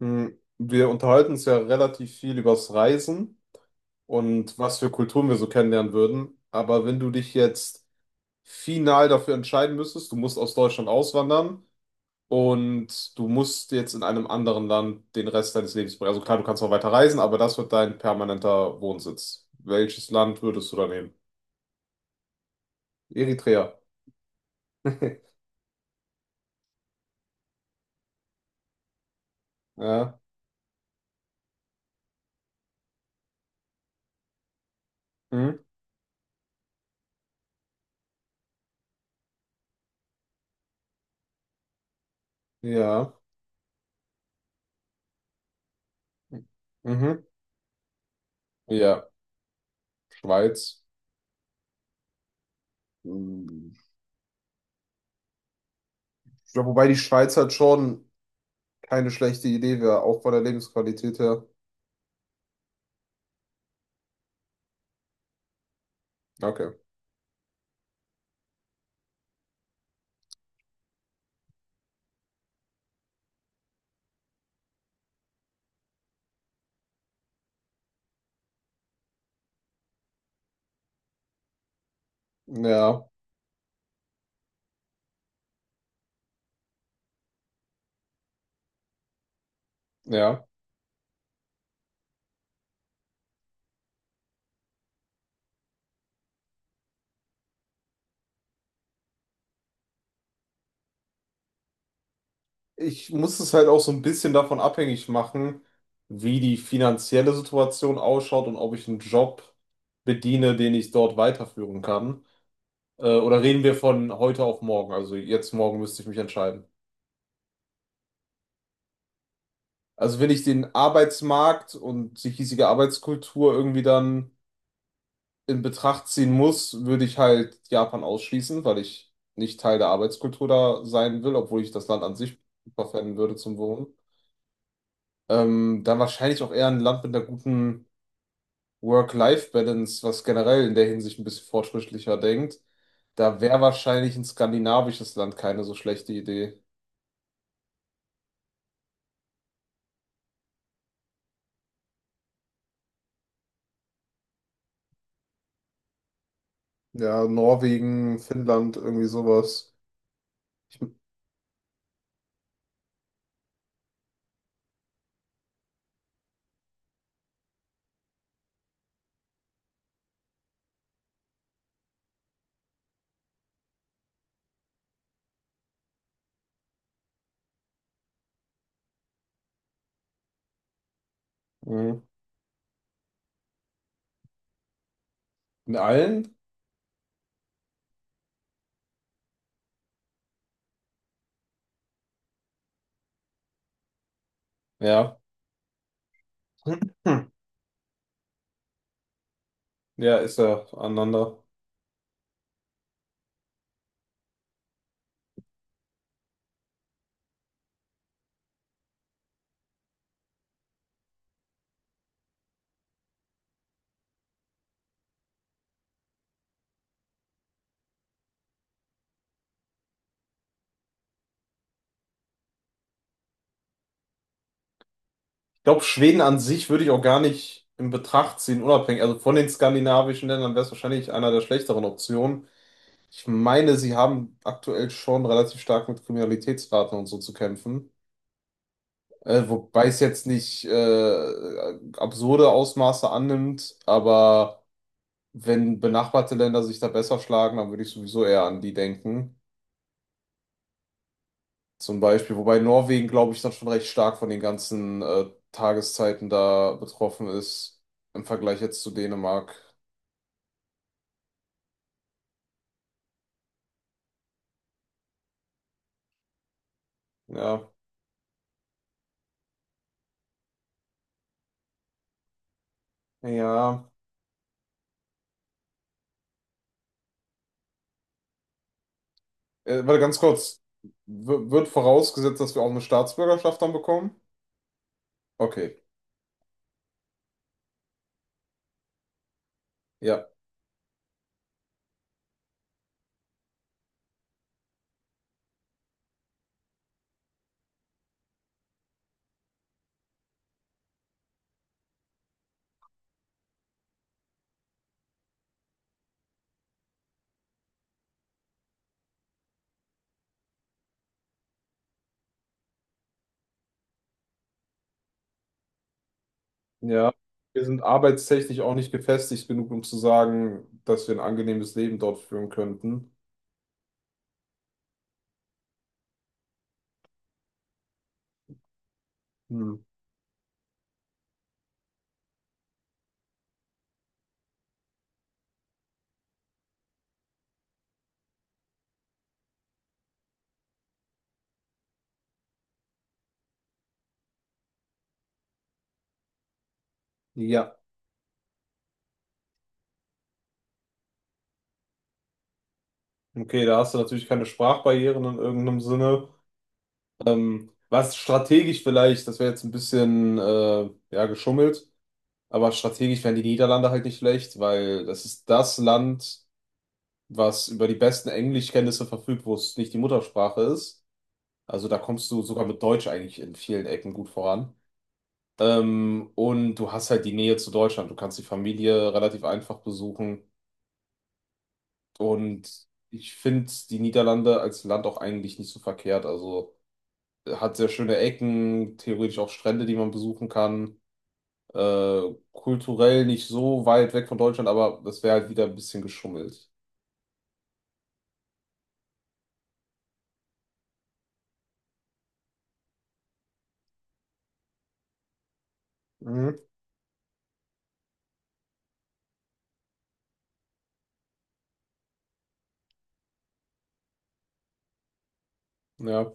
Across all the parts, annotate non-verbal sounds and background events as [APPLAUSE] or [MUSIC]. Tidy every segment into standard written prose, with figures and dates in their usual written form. Wir unterhalten uns ja relativ viel übers Reisen und was für Kulturen wir so kennenlernen würden. Aber wenn du dich jetzt final dafür entscheiden müsstest, du musst aus Deutschland auswandern und du musst jetzt in einem anderen Land den Rest deines Lebens bringen. Also klar, du kannst noch weiter reisen, aber das wird dein permanenter Wohnsitz. Welches Land würdest du da nehmen? Eritrea. [LAUGHS] Ja. Hm? Ja. Mhm. Ja, Schweiz. Hm. Ja, wobei die Schweiz halt schon, keine schlechte Idee wäre, auch von der Lebensqualität her. Okay. Ja, ja. Ich muss es halt auch so ein bisschen davon abhängig machen, wie die finanzielle Situation ausschaut und ob ich einen Job bediene, den ich dort weiterführen kann. Oder reden wir von heute auf morgen? Also jetzt morgen müsste ich mich entscheiden. Also wenn ich den Arbeitsmarkt und die hiesige Arbeitskultur irgendwie dann in Betracht ziehen muss, würde ich halt Japan ausschließen, weil ich nicht Teil der Arbeitskultur da sein will, obwohl ich das Land an sich super fänden würde zum Wohnen. Dann wahrscheinlich auch eher ein Land mit einer guten Work-Life-Balance, was generell in der Hinsicht ein bisschen fortschrittlicher denkt. Da wäre wahrscheinlich ein skandinavisches Land keine so schlechte Idee. Ja, Norwegen, Finnland, irgendwie sowas. Mhm. In allen? Ja. [CLEARS THROAT] Hm. Ja, ist ja aneinander. Ich glaube, Schweden an sich würde ich auch gar nicht in Betracht ziehen, unabhängig. Also von den skandinavischen Ländern wäre es wahrscheinlich einer der schlechteren Optionen. Ich meine, sie haben aktuell schon relativ stark mit Kriminalitätsraten und so zu kämpfen. Wobei es jetzt nicht absurde Ausmaße annimmt, aber wenn benachbarte Länder sich da besser schlagen, dann würde ich sowieso eher an die denken. Zum Beispiel, wobei Norwegen, glaube ich, dann schon recht stark von den ganzen Tageszeiten da betroffen ist im Vergleich jetzt zu Dänemark. Ja, ja. Warte, ganz kurz. W wird vorausgesetzt, dass wir auch eine Staatsbürgerschaft dann bekommen? Okay, ja. Ja. Wir sind arbeitstechnisch auch nicht gefestigt genug, um zu sagen, dass wir ein angenehmes Leben dort führen könnten. Hm. Ja. Okay, da hast du natürlich keine Sprachbarrieren in irgendeinem Sinne. Was strategisch vielleicht, das wäre jetzt ein bisschen ja, geschummelt, aber strategisch wären die Niederlande halt nicht schlecht, weil das ist das Land, was über die besten Englischkenntnisse verfügt, wo es nicht die Muttersprache ist. Also da kommst du sogar mit Deutsch eigentlich in vielen Ecken gut voran. Und du hast halt die Nähe zu Deutschland. Du kannst die Familie relativ einfach besuchen. Und ich finde die Niederlande als Land auch eigentlich nicht so verkehrt. Also hat sehr schöne Ecken, theoretisch auch Strände, die man besuchen kann. Äh, Kulturell nicht so weit weg von Deutschland, aber das wäre halt wieder ein bisschen geschummelt. Mhm. Ja,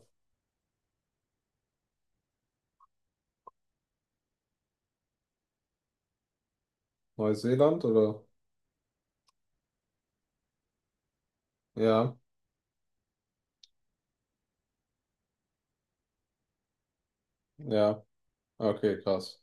Neuseeland oder? Ja, ja. Okay, krass.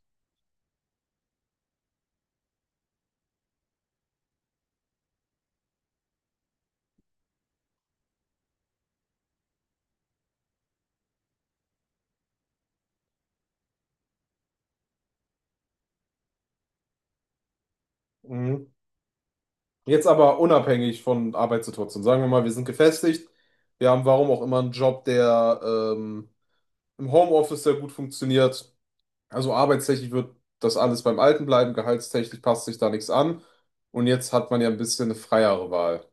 Mhm. Jetzt aber unabhängig von Arbeitssituation. Sagen wir mal, wir sind gefestigt. Wir haben warum auch immer einen Job, der im Homeoffice sehr gut funktioniert. Also arbeitstechnisch wird das alles beim Alten bleiben. Gehaltstechnisch passt sich da nichts an. Und jetzt hat man ja ein bisschen eine freiere Wahl.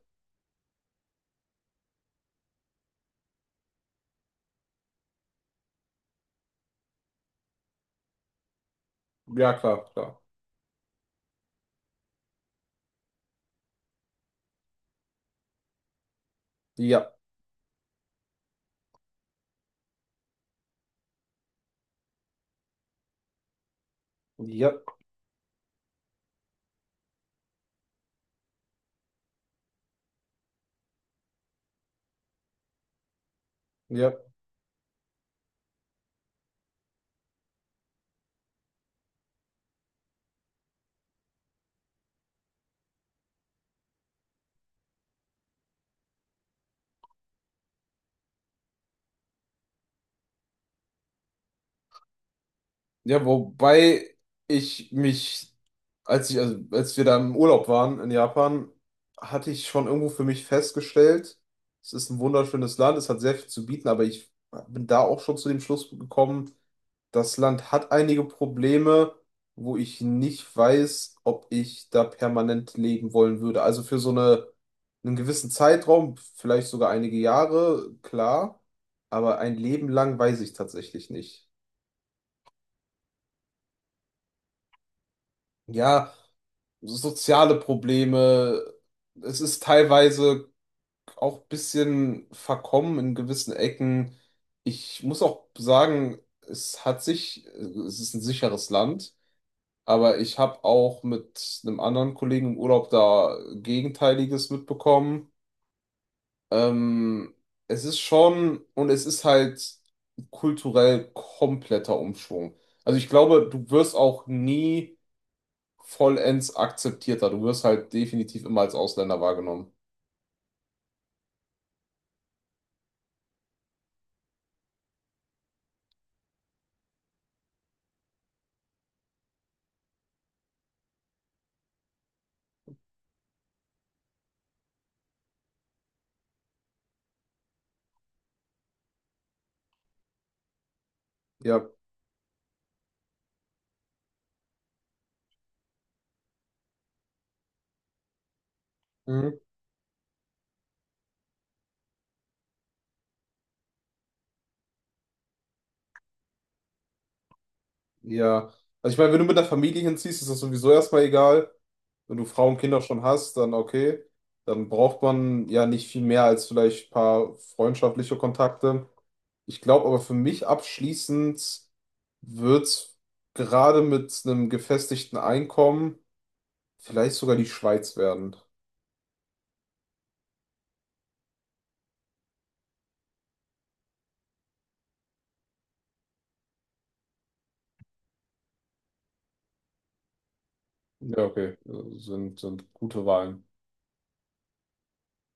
Ja, klar, klar. Ja, ja, ja. Ja, wobei ich mich, als ich, also als wir da im Urlaub waren in Japan, hatte ich schon irgendwo für mich festgestellt, es ist ein wunderschönes Land, es hat sehr viel zu bieten, aber ich bin da auch schon zu dem Schluss gekommen, das Land hat einige Probleme, wo ich nicht weiß, ob ich da permanent leben wollen würde. Also für so einen gewissen Zeitraum, vielleicht sogar einige Jahre, klar, aber ein Leben lang weiß ich tatsächlich nicht. Ja, soziale Probleme. Es ist teilweise auch ein bisschen verkommen in gewissen Ecken. Ich muss auch sagen, es ist ein sicheres Land, aber ich habe auch mit einem anderen Kollegen im Urlaub da Gegenteiliges mitbekommen. Ähm, Es ist schon, und es ist halt kulturell kompletter Umschwung. Also ich glaube, du wirst auch nie vollends akzeptierter. Du wirst halt definitiv immer als Ausländer wahrgenommen. Ja. Mhm. Ja. Also ich meine, wenn du mit der Familie hinziehst, ist das sowieso erstmal egal. Wenn du Frau und Kinder schon hast, dann okay. Dann braucht man ja nicht viel mehr als vielleicht ein paar freundschaftliche Kontakte. Ich glaube aber für mich abschließend wird's gerade mit einem gefestigten Einkommen vielleicht sogar die Schweiz werden. Ja, okay. Sind gute Wahlen.